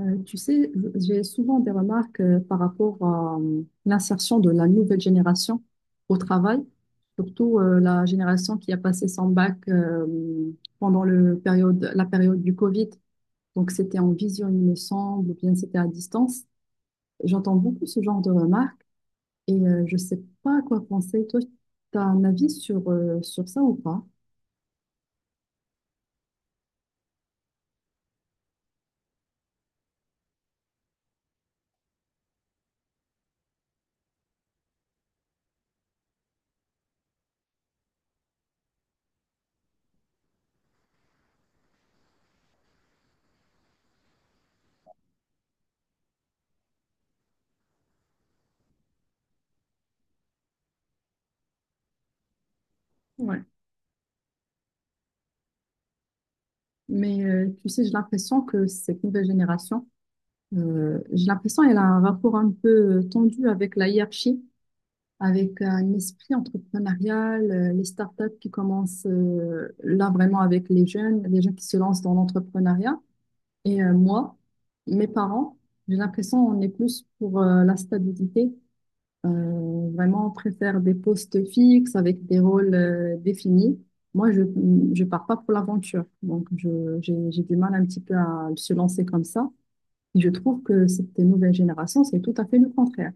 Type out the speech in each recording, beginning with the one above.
Tu sais, j'ai souvent des remarques par rapport à l'insertion de la nouvelle génération au travail, surtout la génération qui a passé son bac pendant la période du Covid. Donc c'était en vision, il me semble, ou bien c'était à distance. J'entends beaucoup ce genre de remarques, et je sais pas à quoi penser. Toi, tu as un avis sur ça ou pas? Ouais. Mais tu sais, j'ai l'impression que cette nouvelle génération j'ai l'impression qu'elle a un rapport un peu tendu avec la hiérarchie, avec un esprit entrepreneurial, les startups qui commencent là vraiment avec les jeunes qui se lancent dans l'entrepreneuriat. Et moi, mes parents, j'ai l'impression qu'on est plus pour la stabilité. Vraiment, on préfère des postes fixes avec des rôles définis. Moi, je pars pas pour l'aventure, donc j'ai du mal un petit peu à se lancer comme ça. Je trouve que cette nouvelle génération, c'est tout à fait le contraire.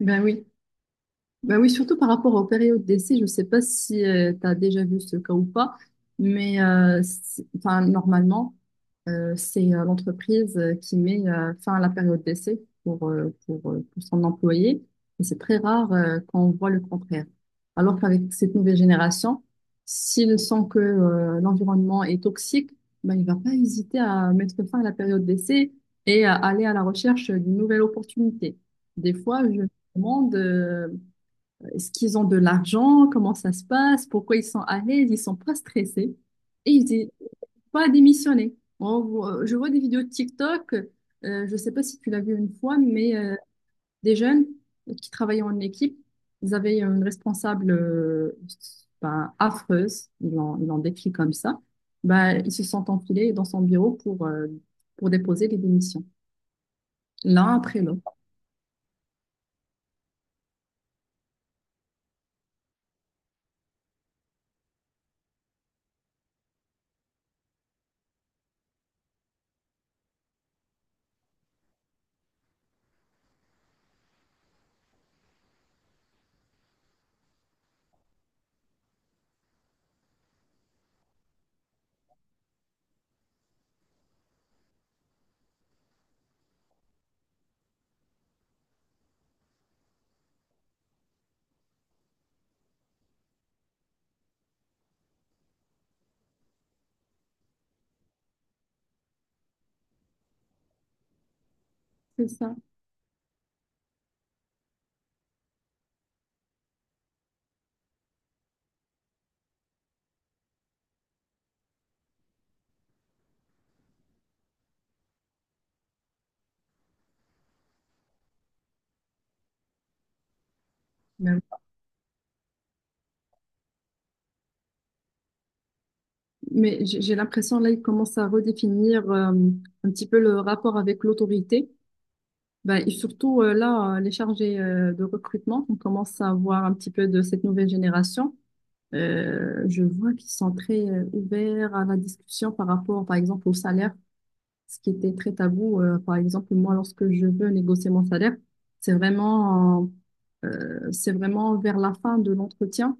Ben oui, bah oui, surtout par rapport aux périodes d'essai, je ne sais pas si tu as déjà vu ce cas ou pas, mais enfin, normalement, c'est l'entreprise qui met fin à la période d'essai pour son employé, et c'est très rare qu'on voit le contraire. Alors qu'avec cette nouvelle génération, s'il sent que l'environnement est toxique, bah, il ne va pas hésiter à mettre fin à la période d'essai et à aller à la recherche d'une nouvelle opportunité. Des fois, je me demande est-ce qu'ils ont de l'argent? Comment ça se passe? Pourquoi ils sont à l'aise? Ils sont pas stressés. Et ils disent pas démissionner. Je vois des vidéos de TikTok. Je sais pas si tu l'as vu une fois, mais des jeunes qui travaillaient en équipe, ils avaient une responsable affreuse. Ils l'ont décrit comme ça. Ben, ils se sont enfilés dans son bureau pour déposer les démissions, l'un après l'autre. C'est ça. Mais j'ai l'impression là, il commence à redéfinir un petit peu le rapport avec l'autorité. Ben, et surtout là, les chargés de recrutement, on commence à voir un petit peu de cette nouvelle génération. Je vois qu'ils sont très ouverts à la discussion par rapport, par exemple, au salaire, ce qui était très tabou. Par exemple, moi, lorsque je veux négocier mon salaire, c'est vraiment, c'est vraiment vers la fin de l'entretien.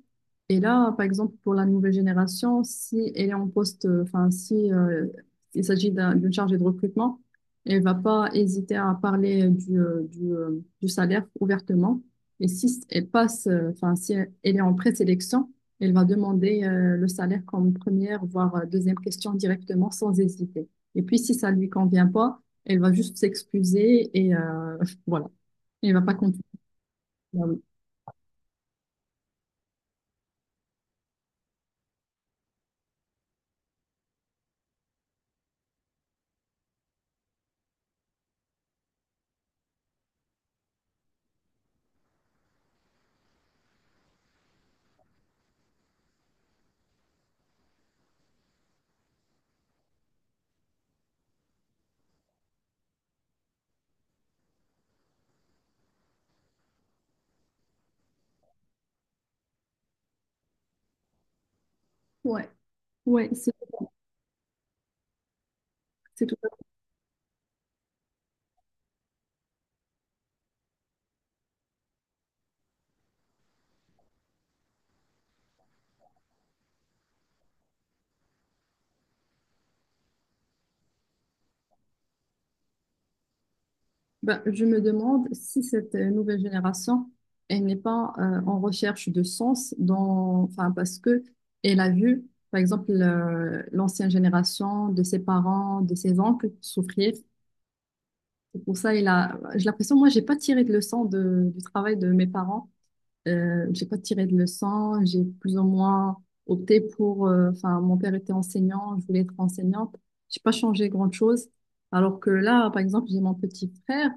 Et là, par exemple, pour la nouvelle génération, si elle est en poste, enfin, si il s'agit d'une chargée de recrutement, elle va pas hésiter à parler du salaire ouvertement. Et si elle passe, enfin, si elle est en présélection, elle va demander le salaire comme première, voire deuxième question directement sans hésiter. Et puis, si ça lui convient pas, elle va juste s'excuser et voilà. Elle va pas continuer. Ah oui. Ouais, ouais, c'est tout à Ben, je me demande si cette nouvelle génération, elle n'est pas en recherche de sens enfin, parce que elle a vu, par exemple, l'ancienne génération de ses parents, de ses oncles souffrir. C'est pour ça, j'ai l'impression, moi, j'ai pas tiré de leçon du travail de mes parents. J'ai pas tiré de leçons, j'ai plus ou moins opté enfin, mon père était enseignant, je voulais être enseignante. J'ai pas changé grand-chose. Alors que là, par exemple, j'ai mon petit frère,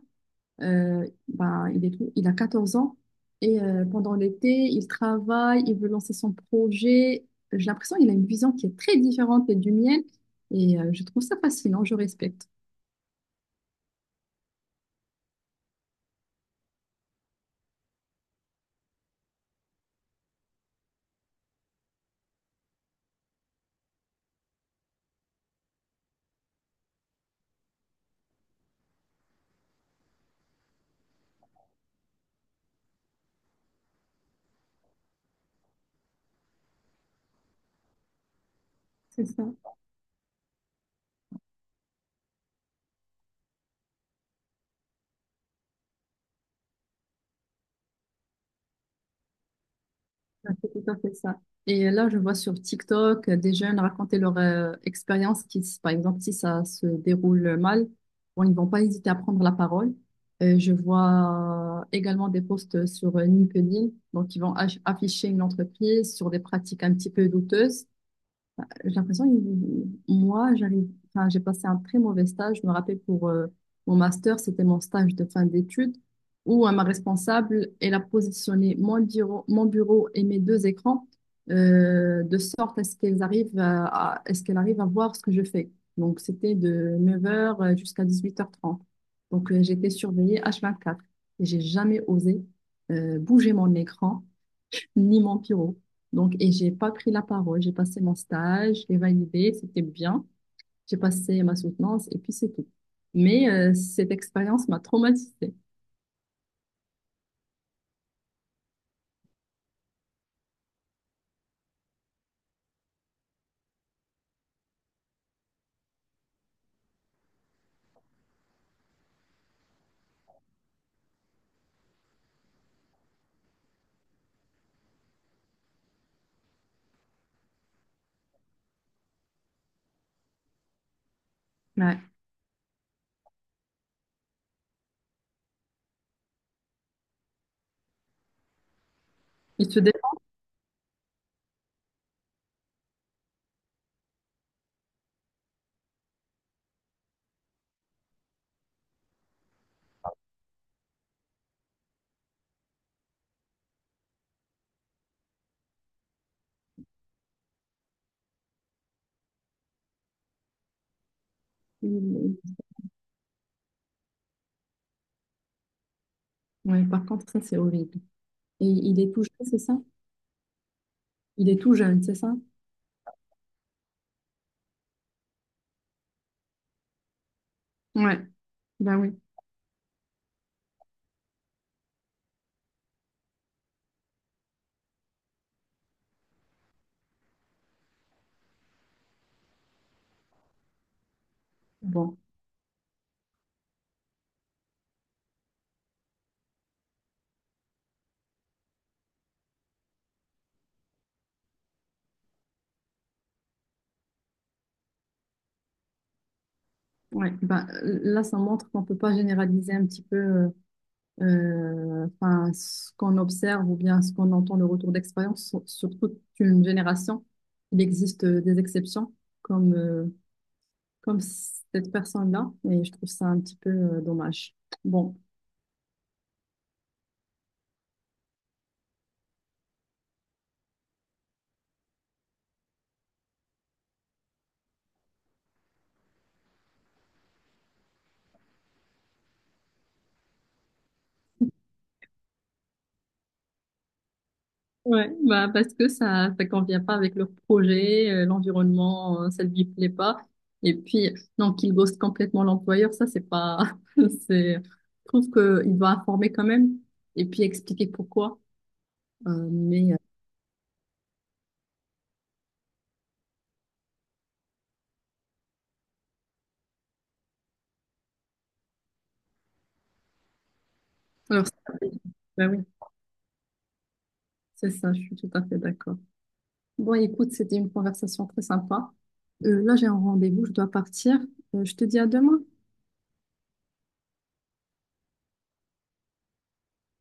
il a 14 ans, et pendant l'été, il travaille, il veut lancer son projet. J'ai l'impression qu'il a une vision qui est très différente et du mien, et je trouve ça fascinant, je respecte. C'est ça. Ah, c'est tout à fait ça. Et là, je vois sur TikTok des jeunes raconter leur expérience par exemple, si ça se déroule mal, bon, ils vont pas hésiter à prendre la parole. Je vois également des posts sur LinkedIn, donc ils vont afficher une entreprise sur des pratiques un petit peu douteuses. J'ai l'impression que moi, enfin, j'ai passé un très mauvais stage. Je me rappelle pour mon master, c'était mon stage de fin d'études où ma responsable, elle a positionné mon bureau et mes deux écrans de sorte à ce qu'elles arrivent à ce qu'elle arrive à voir ce que je fais. Donc, c'était de 9 heures jusqu'à 18h30. Donc, j'étais surveillée H24 et j'ai jamais osé bouger mon écran ni mon pyro. Donc, et j'ai pas pris la parole. J'ai passé mon stage, j'ai validé, c'était bien. J'ai passé ma soutenance et puis c'est tout. Mais cette expérience m'a traumatisée. Ouais. Il se dé- il- Ouais, par contre, ça, c'est horrible. Et il est tout jeune, c'est ça? Il est tout jeune, c'est ça? Ouais, bah oui. Bon, ouais, là, ça montre qu'on peut pas généraliser un petit peu enfin, ce qu'on observe ou bien ce qu'on entend, le retour d'expérience sur toute une génération, il existe des exceptions comme, euh, comme cette personne-là, et je trouve ça un petit peu dommage. Bon, ouais, bah parce que ça convient pas avec leur projet, l'environnement, ça lui plaît pas. Et puis, non, qu'il ghoste complètement l'employeur, ça, c'est pas. C'est... Je trouve que il doit informer quand même et puis expliquer pourquoi. Mais, alors, ça, bah oui. C'est ça, je suis tout à fait d'accord. Bon, écoute, c'était une conversation très sympa. Là, j'ai un rendez-vous, je dois partir. Je te dis à demain.